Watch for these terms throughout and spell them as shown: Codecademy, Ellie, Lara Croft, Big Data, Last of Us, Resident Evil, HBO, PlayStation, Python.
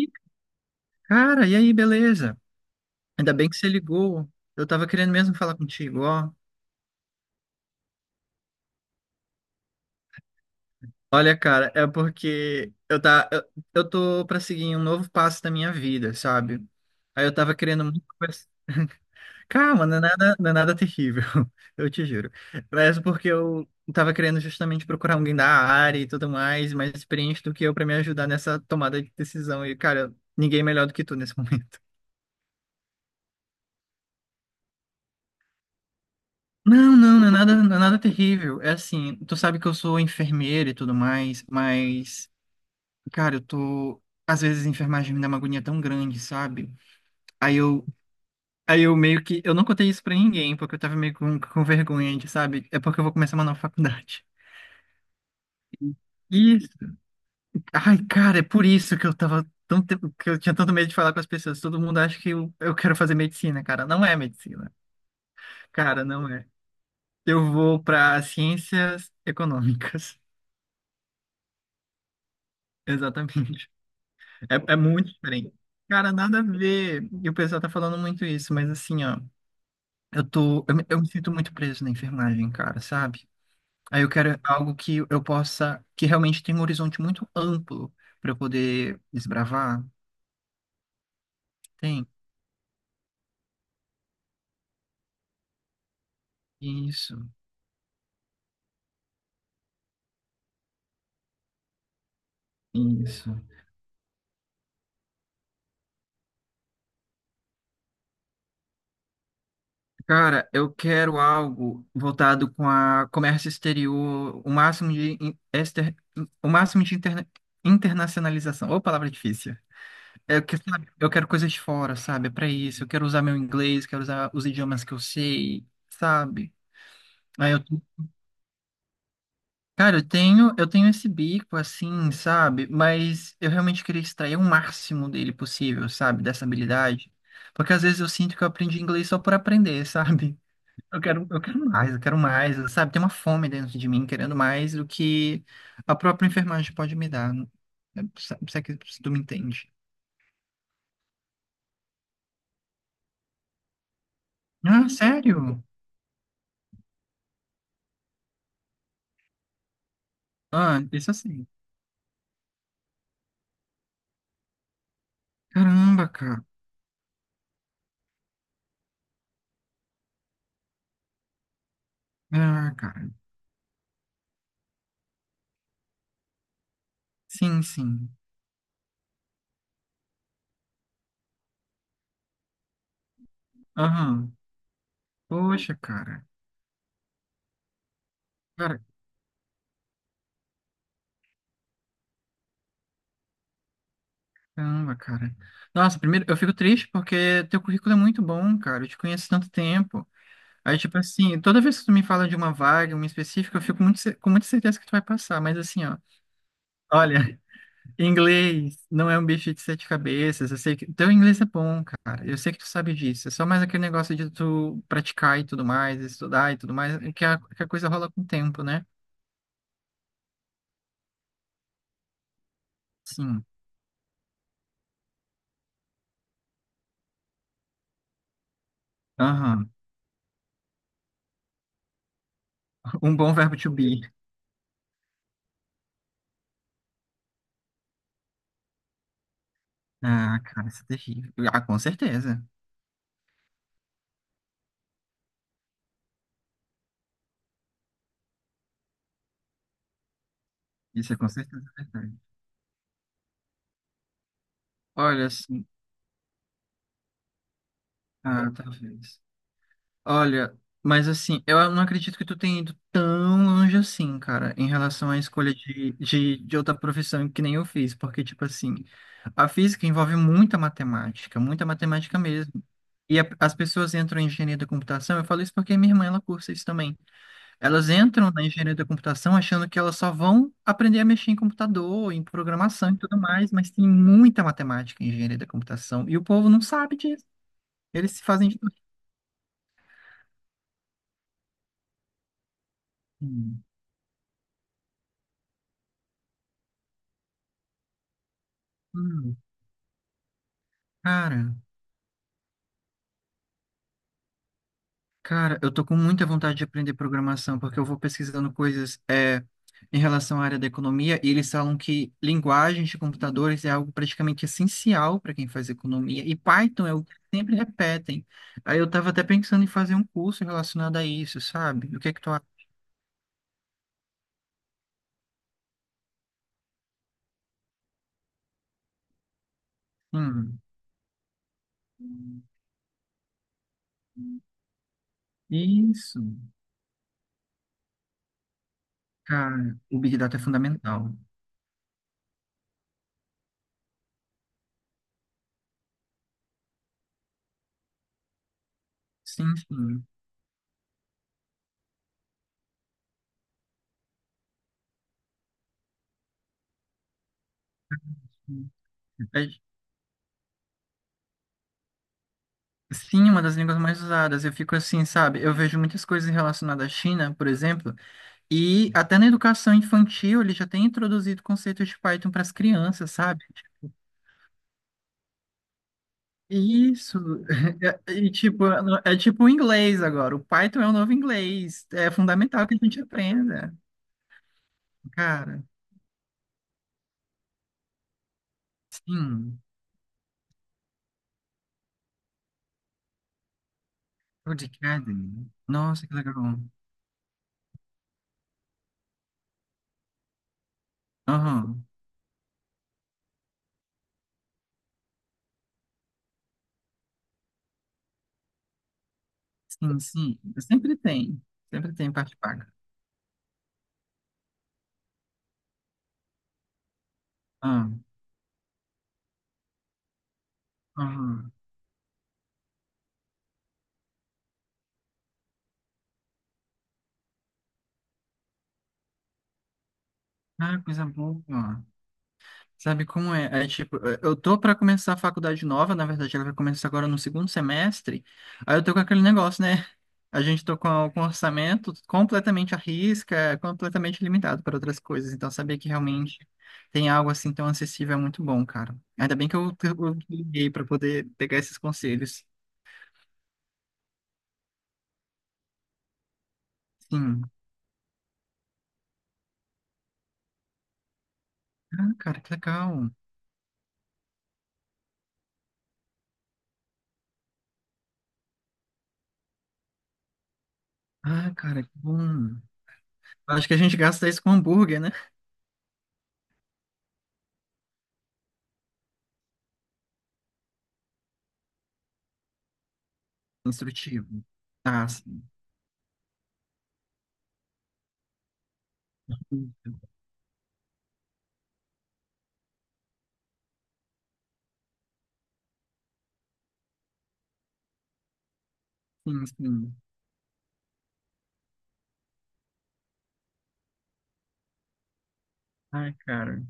Ih, cara, e aí, beleza? Ainda bem que você ligou. Eu tava querendo mesmo falar contigo, ó. Olha, cara, é porque eu tô pra seguir um novo passo da minha vida, sabe? Aí eu tava querendo muito conversar. Calma, não é nada, não é nada terrível, eu te juro. Mas porque eu tava querendo justamente procurar alguém da área e tudo mais, mais experiente do que eu pra me ajudar nessa tomada de decisão. E, cara, ninguém melhor do que tu nesse momento. Não, não, não é nada, não é nada terrível. É assim, tu sabe que eu sou enfermeira e tudo mais, mas, cara, eu tô. Às vezes a enfermagem me dá uma agonia tão grande, sabe? Aí eu, aí eu meio que. Eu não contei isso pra ninguém, porque eu tava meio com vergonha, de, sabe? É porque eu vou começar uma nova faculdade. E. Ai, cara, é por isso que eu tava tão. Que eu tinha tanto medo de falar com as pessoas. Todo mundo acha que eu quero fazer medicina, cara. Não é medicina. Cara, não é. Eu vou pra ciências econômicas. Exatamente. É, é muito diferente. Cara, nada a ver. E o pessoal tá falando muito isso, mas assim, ó, eu me sinto muito preso na enfermagem, cara, sabe? Aí eu quero algo que eu possa, que realmente tem um horizonte muito amplo pra eu poder desbravar. Tem? Isso, isso. Cara, eu quero algo voltado com a comércio exterior, o máximo de internacionalização. Ô, palavra difícil. É que, sabe, eu quero coisas de fora, sabe? É pra isso. Eu quero usar meu inglês, quero usar os idiomas que eu sei, sabe? Aí eu, cara, eu tenho esse bico assim, sabe? Mas eu realmente queria extrair o máximo dele possível, sabe? Dessa habilidade. Porque às vezes eu sinto que eu aprendi inglês só por aprender, sabe? Eu quero mais, eu quero mais, sabe? Tem uma fome dentro de mim querendo mais do que a própria enfermagem pode me dar. Sabe, se é que tu me entende. Ah, sério? Ah, isso é assim. Caramba, cara. Ah, cara. Sim, sim. Aham. Poxa, cara. Cara, caramba, cara. Nossa, primeiro, eu fico triste porque teu currículo é muito bom, cara. Eu te conheço há tanto tempo. Aí, tipo assim, toda vez que tu me fala de uma vaga, uma específica, eu fico muito, com muita certeza que tu vai passar. Mas assim, ó. Olha, inglês não é um bicho de sete cabeças. Eu sei que teu inglês é bom, cara. Eu sei que tu sabe disso. É só mais aquele negócio de tu praticar e tudo mais, estudar e tudo mais, que a coisa rola com o tempo, né? Sim. Aham. Um bom verbo to be. Ah, cara, isso é terrível. Ah, com certeza. Isso é com certeza verdade. Olha, assim, ah, talvez. Olha, mas assim, eu não acredito que tu tenha ido tão longe assim, cara, em relação à escolha de outra profissão que nem eu fiz, porque, tipo assim, a física envolve muita matemática mesmo. E as pessoas entram em engenharia da computação, eu falo isso porque minha irmã, ela cursa isso também. Elas entram na engenharia da computação achando que elas só vão aprender a mexer em computador, em programação e tudo mais, mas tem muita matemática em engenharia da computação e o povo não sabe disso. Eles se fazem de doido. Hum, cara, Cara, eu tô com muita vontade de aprender programação, porque eu vou pesquisando coisas é, em relação à área da economia, e eles falam que linguagens de computadores é algo praticamente essencial para quem faz economia, e Python é o que sempre repetem. Aí eu tava até pensando em fazer um curso relacionado a isso, sabe? O que é que tu acha? Hum, isso, cara, o Big Data é fundamental. Sim, sim. É, sim, uma das línguas mais usadas. Eu fico assim, sabe? Eu vejo muitas coisas relacionadas à China, por exemplo. E até na educação infantil, ele já tem introduzido conceitos de Python para as crianças, sabe? Isso. E, tipo, é tipo o inglês agora. O Python é o novo inglês. É fundamental que a gente aprenda. Cara, sim. Codecademy. Nossa, que legal. Aham. Sim, sim. Sempre tem. Sempre tem parte paga. Ah, aham. Ah, coisa boa. Sabe como é? É tipo, eu tô pra começar a faculdade nova, na verdade ela vai começar agora no segundo semestre. Aí eu tô com aquele negócio, né? A gente tô com um orçamento completamente à risca, completamente limitado para outras coisas. Então saber que realmente tem algo assim tão acessível é muito bom, cara. Ainda bem que eu te liguei para poder pegar esses conselhos. Sim. Ah, cara, que legal. Ah, cara, que bom. Acho que a gente gasta isso com hambúrguer, né? Instrutivo. Ah, sim. Sim, sim. Ai, cara.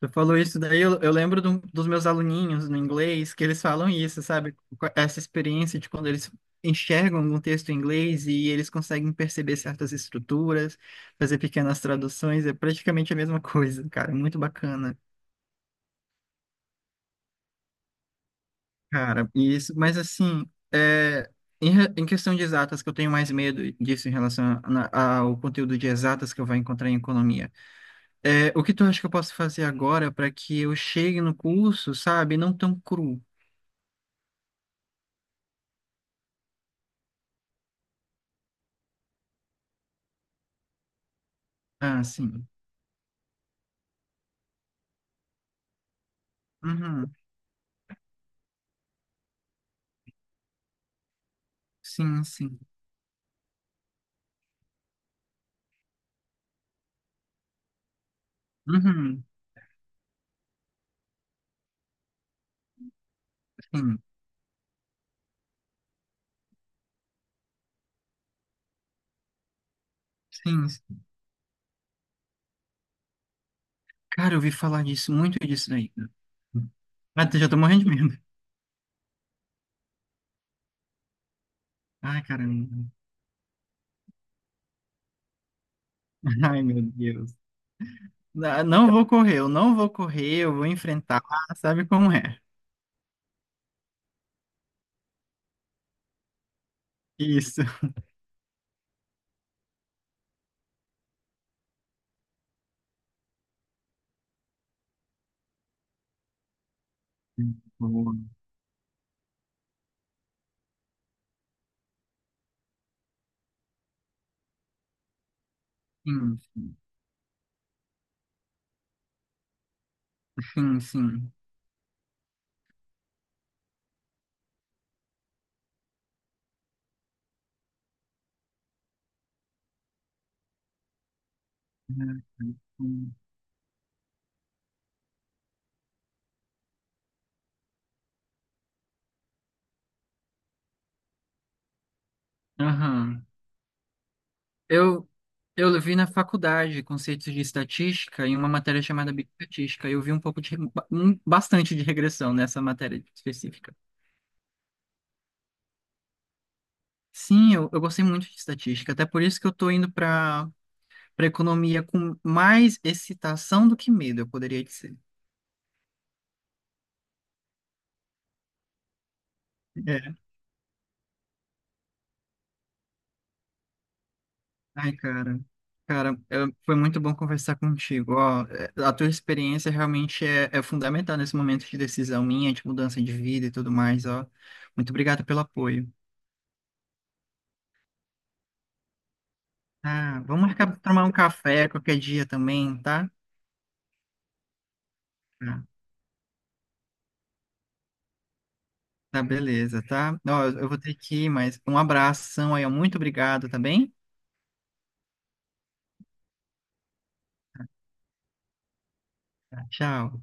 Tu falou isso daí, eu lembro dos meus aluninhos no inglês, que eles falam isso, sabe? Com essa experiência de quando eles enxergam um texto em inglês e eles conseguem perceber certas estruturas, fazer pequenas traduções, é praticamente a mesma coisa, cara, muito bacana. Cara, isso, mas assim, é, em questão de exatas, que eu tenho mais medo disso em relação ao conteúdo de exatas que eu vou encontrar em economia. É, o que tu acha que eu posso fazer agora para que eu chegue no curso, sabe, não tão cru? Ah, sim. Uhum. Sim, sim. Uhum. Sim, sim, sim. Cara, eu ouvi falar disso, muito disso daí. Ah, já tô morrendo de medo. Ai, caramba. Ai, meu Deus. Não vou correr, eu não vou correr, eu vou enfrentar. Ah, sabe como é? Isso. Boa. Sim, sim, sim. Sim. Aham. Eu, eu vi na faculdade conceitos de estatística em uma matéria chamada bioestatística. Eu vi um pouco de, bastante de regressão nessa matéria específica. Sim, eu gostei muito de estatística, até por isso que eu estou indo para para economia com mais excitação do que medo, eu poderia dizer. É. Ai, cara, cara, é, foi muito bom conversar contigo. Ó, é, a tua experiência realmente é, é fundamental nesse momento de decisão minha, de mudança de vida e tudo mais, ó. Muito obrigado pelo apoio. Ah, vamos marcar pra tomar um café qualquer dia também, tá? Tá, tá, beleza, tá? Ó, eu vou ter que ir, mas um abração aí, ó, muito obrigado, tá bem? Tá, tchau.